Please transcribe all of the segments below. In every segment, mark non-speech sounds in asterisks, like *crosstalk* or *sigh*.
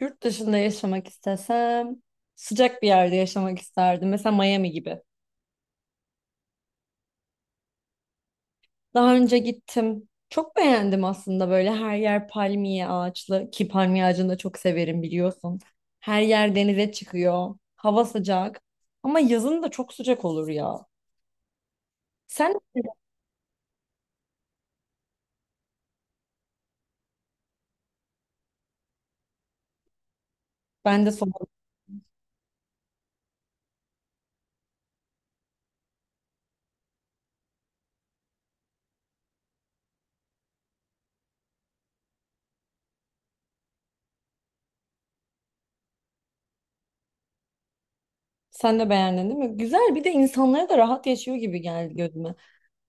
Yurt dışında yaşamak istesem sıcak bir yerde yaşamak isterdim. Mesela Miami gibi. Daha önce gittim. Çok beğendim aslında, böyle her yer palmiye ağaçlı ki palmiye ağacını da çok severim biliyorsun. Her yer denize çıkıyor. Hava sıcak. Ama yazın da çok sıcak olur ya. Sen ben de son Sen de beğendin değil mi? Güzel, bir de insanlara da rahat yaşıyor gibi geldi gözüme.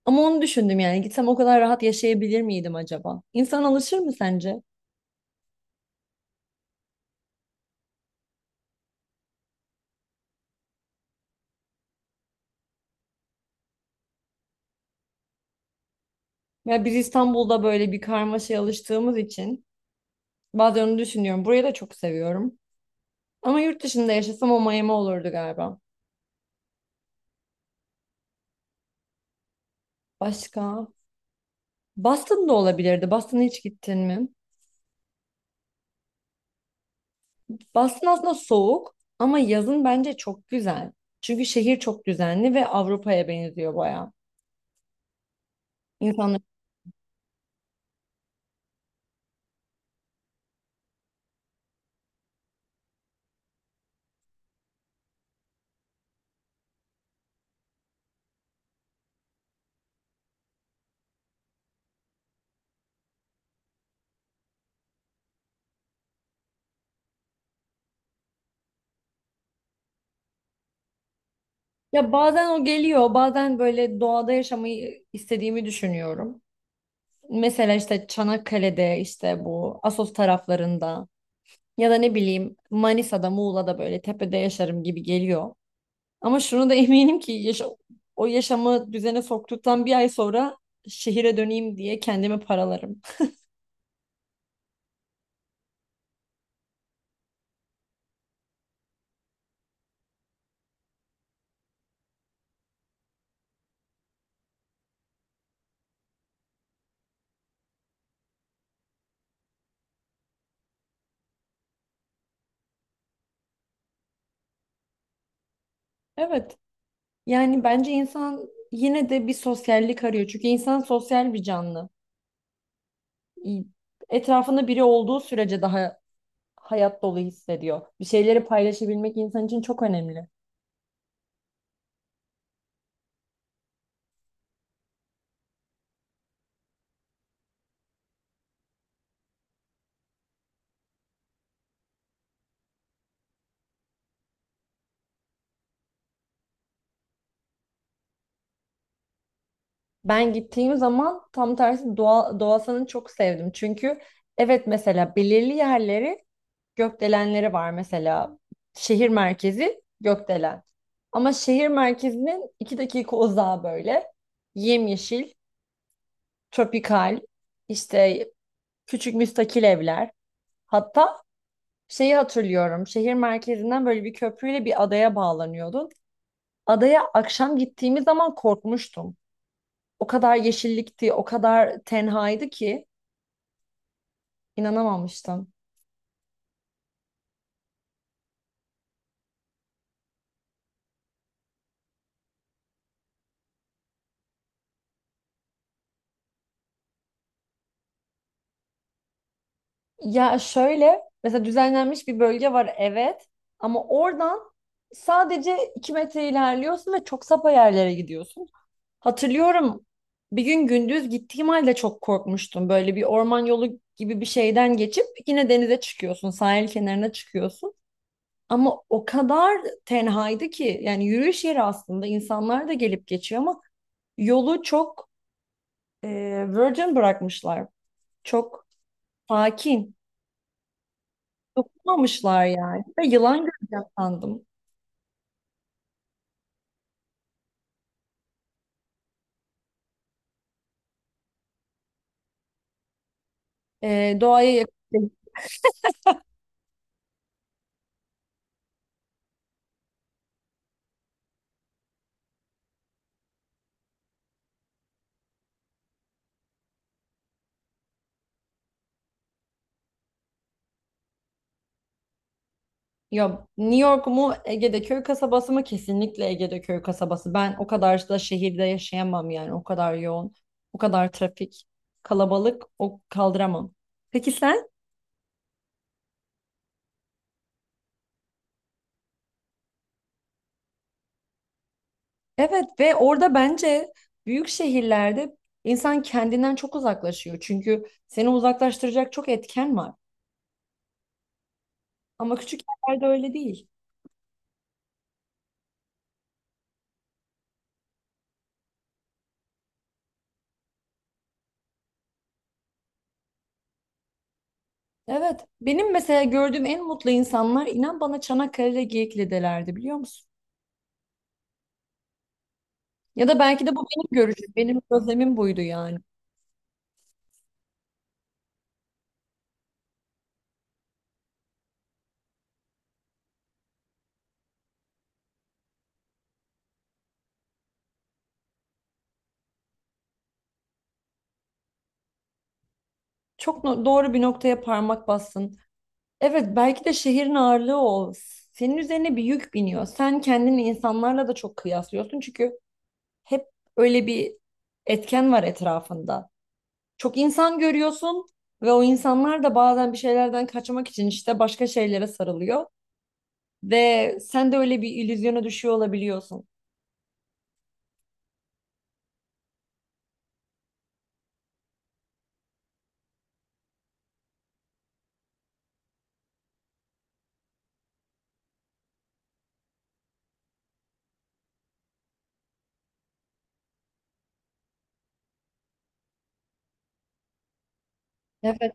Ama onu düşündüm, yani gitsem o kadar rahat yaşayabilir miydim acaba? İnsan alışır mı sence? Ya biz İstanbul'da böyle bir karmaşaya alıştığımız için bazen onu düşünüyorum. Burayı da çok seviyorum. Ama yurt dışında yaşasam o Miami olurdu galiba. Başka? Boston da olabilirdi. Boston'a hiç gittin mi? Boston aslında soğuk, ama yazın bence çok güzel. Çünkü şehir çok düzenli ve Avrupa'ya benziyor bayağı. İnsanların Ya bazen o geliyor, bazen böyle doğada yaşamayı istediğimi düşünüyorum. Mesela işte Çanakkale'de, işte bu Assos taraflarında, ya da ne bileyim Manisa'da, Muğla'da böyle tepede yaşarım gibi geliyor. Ama şunu da eminim ki o yaşamı düzene soktuktan bir ay sonra şehire döneyim diye kendimi paralarım. Evet. Yani bence insan yine de bir sosyallik arıyor. Çünkü insan sosyal bir canlı. İ- Etrafında biri olduğu sürece daha hayat dolu hissediyor. Bir şeyleri paylaşabilmek insan için çok önemli. Ben gittiğim zaman tam tersi doğa, doğasını çok sevdim. Çünkü evet, mesela belirli yerleri, gökdelenleri var mesela. Şehir merkezi gökdelen. Ama şehir merkezinin iki dakika uzağı böyle. Yemyeşil, tropikal, işte küçük müstakil evler. Hatta şeyi hatırlıyorum. Şehir merkezinden böyle bir köprüyle bir adaya bağlanıyordun. Adaya akşam gittiğimiz zaman korkmuştum. O kadar yeşillikti, o kadar tenhaydı ki inanamamıştım. Ya şöyle, mesela düzenlenmiş bir bölge var, evet, ama oradan sadece 2 metre ilerliyorsun ve çok sapa yerlere gidiyorsun. Hatırlıyorum, bir gün gündüz gittiğim halde çok korkmuştum. Böyle bir orman yolu gibi bir şeyden geçip yine denize çıkıyorsun, sahil kenarına çıkıyorsun. Ama o kadar tenhaydı ki, yani yürüyüş yeri aslında, insanlar da gelip geçiyor, ama yolu çok e, virgin bırakmışlar. Çok sakin. Dokunmamışlar yani. Ve yılan göreceğim sandım. Doğaya yakın. Ya New York mu, Ege'de köy kasabası mı? Kesinlikle Ege'de köy kasabası. Ben o kadar da şehirde yaşayamam yani. O kadar yoğun, o kadar trafik, kalabalık o kaldıramam. Peki sen? Evet, ve orada bence büyük şehirlerde insan kendinden çok uzaklaşıyor. Çünkü seni uzaklaştıracak çok etken var. Ama küçük yerlerde öyle değil. Evet. Benim mesela gördüğüm en mutlu insanlar, inan bana, Çanakkale'de Geyikli'delerdi, biliyor musun? Ya da belki de bu benim görüşüm. Benim gözlemim buydu yani. Çok doğru bir noktaya parmak bastın. Evet, belki de şehrin ağırlığı o. Senin üzerine bir yük biniyor. Sen kendini insanlarla da çok kıyaslıyorsun. Çünkü hep öyle bir etken var etrafında. Çok insan görüyorsun ve o insanlar da bazen bir şeylerden kaçmak için işte başka şeylere sarılıyor ve sen de öyle bir illüzyona düşüyor olabiliyorsun. Evet.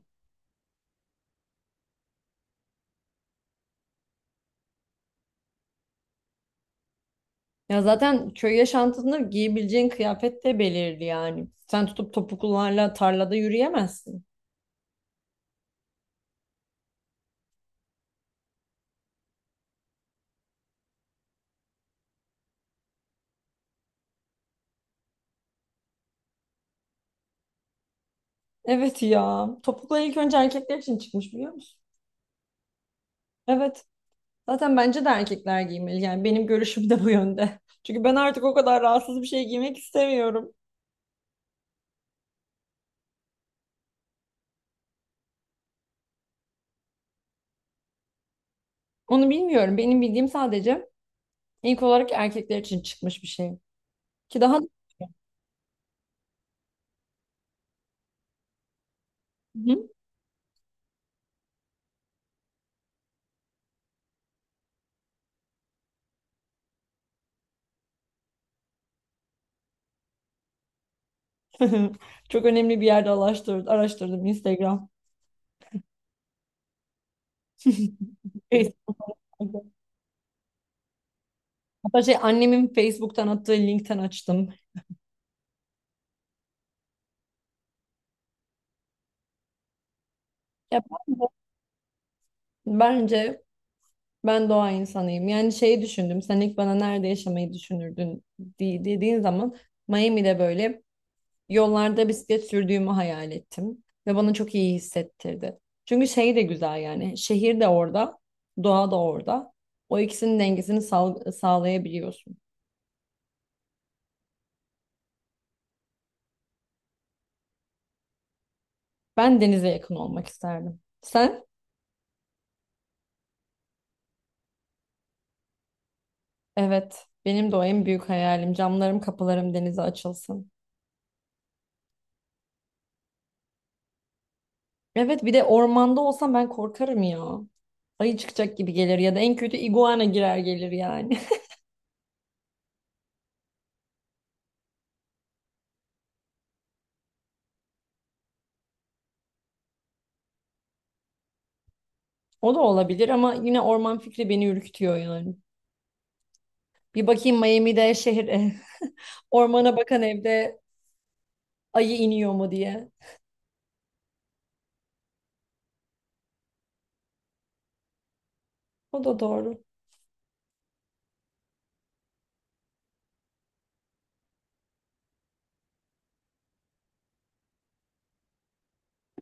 Ya zaten köy yaşantısında giyebileceğin kıyafet de belirli yani. Sen tutup topuklularla tarlada yürüyemezsin. Evet ya. Topuklu ilk önce erkekler için çıkmış, biliyor musun? Evet. Zaten bence de erkekler giymeli. Yani benim görüşüm de bu yönde. *laughs* Çünkü ben artık o kadar rahatsız bir şey giymek istemiyorum. Onu bilmiyorum. Benim bildiğim sadece ilk olarak erkekler için çıkmış bir şey. Ki daha Hı. *laughs* Çok önemli bir yerde araştırdım Instagram, Facebook. Hatta şey, annemin Facebook'tan attığı linkten açtım. Ya bence, bence ben doğa insanıyım. Yani şeyi düşündüm. Sen ilk bana "Nerede yaşamayı düşünürdün?" Dediğin zaman Miami'de böyle yollarda bisiklet sürdüğümü hayal ettim ve bana çok iyi hissettirdi. Çünkü şey de güzel, yani şehir de orada, doğa da orada. O ikisinin dengesini sağlayabiliyorsun. Ben denize yakın olmak isterdim. Sen? Evet, benim de o en büyük hayalim. Camlarım, kapılarım denize açılsın. Evet, bir de ormanda olsam ben korkarım ya. Ayı çıkacak gibi gelir, ya da en kötü iguana girer gelir yani. *laughs* O da olabilir ama yine orman fikri beni ürkütüyor yani. Bir bakayım Miami'de şehir, *laughs* ormana bakan evde ayı iniyor mu diye. O da doğru.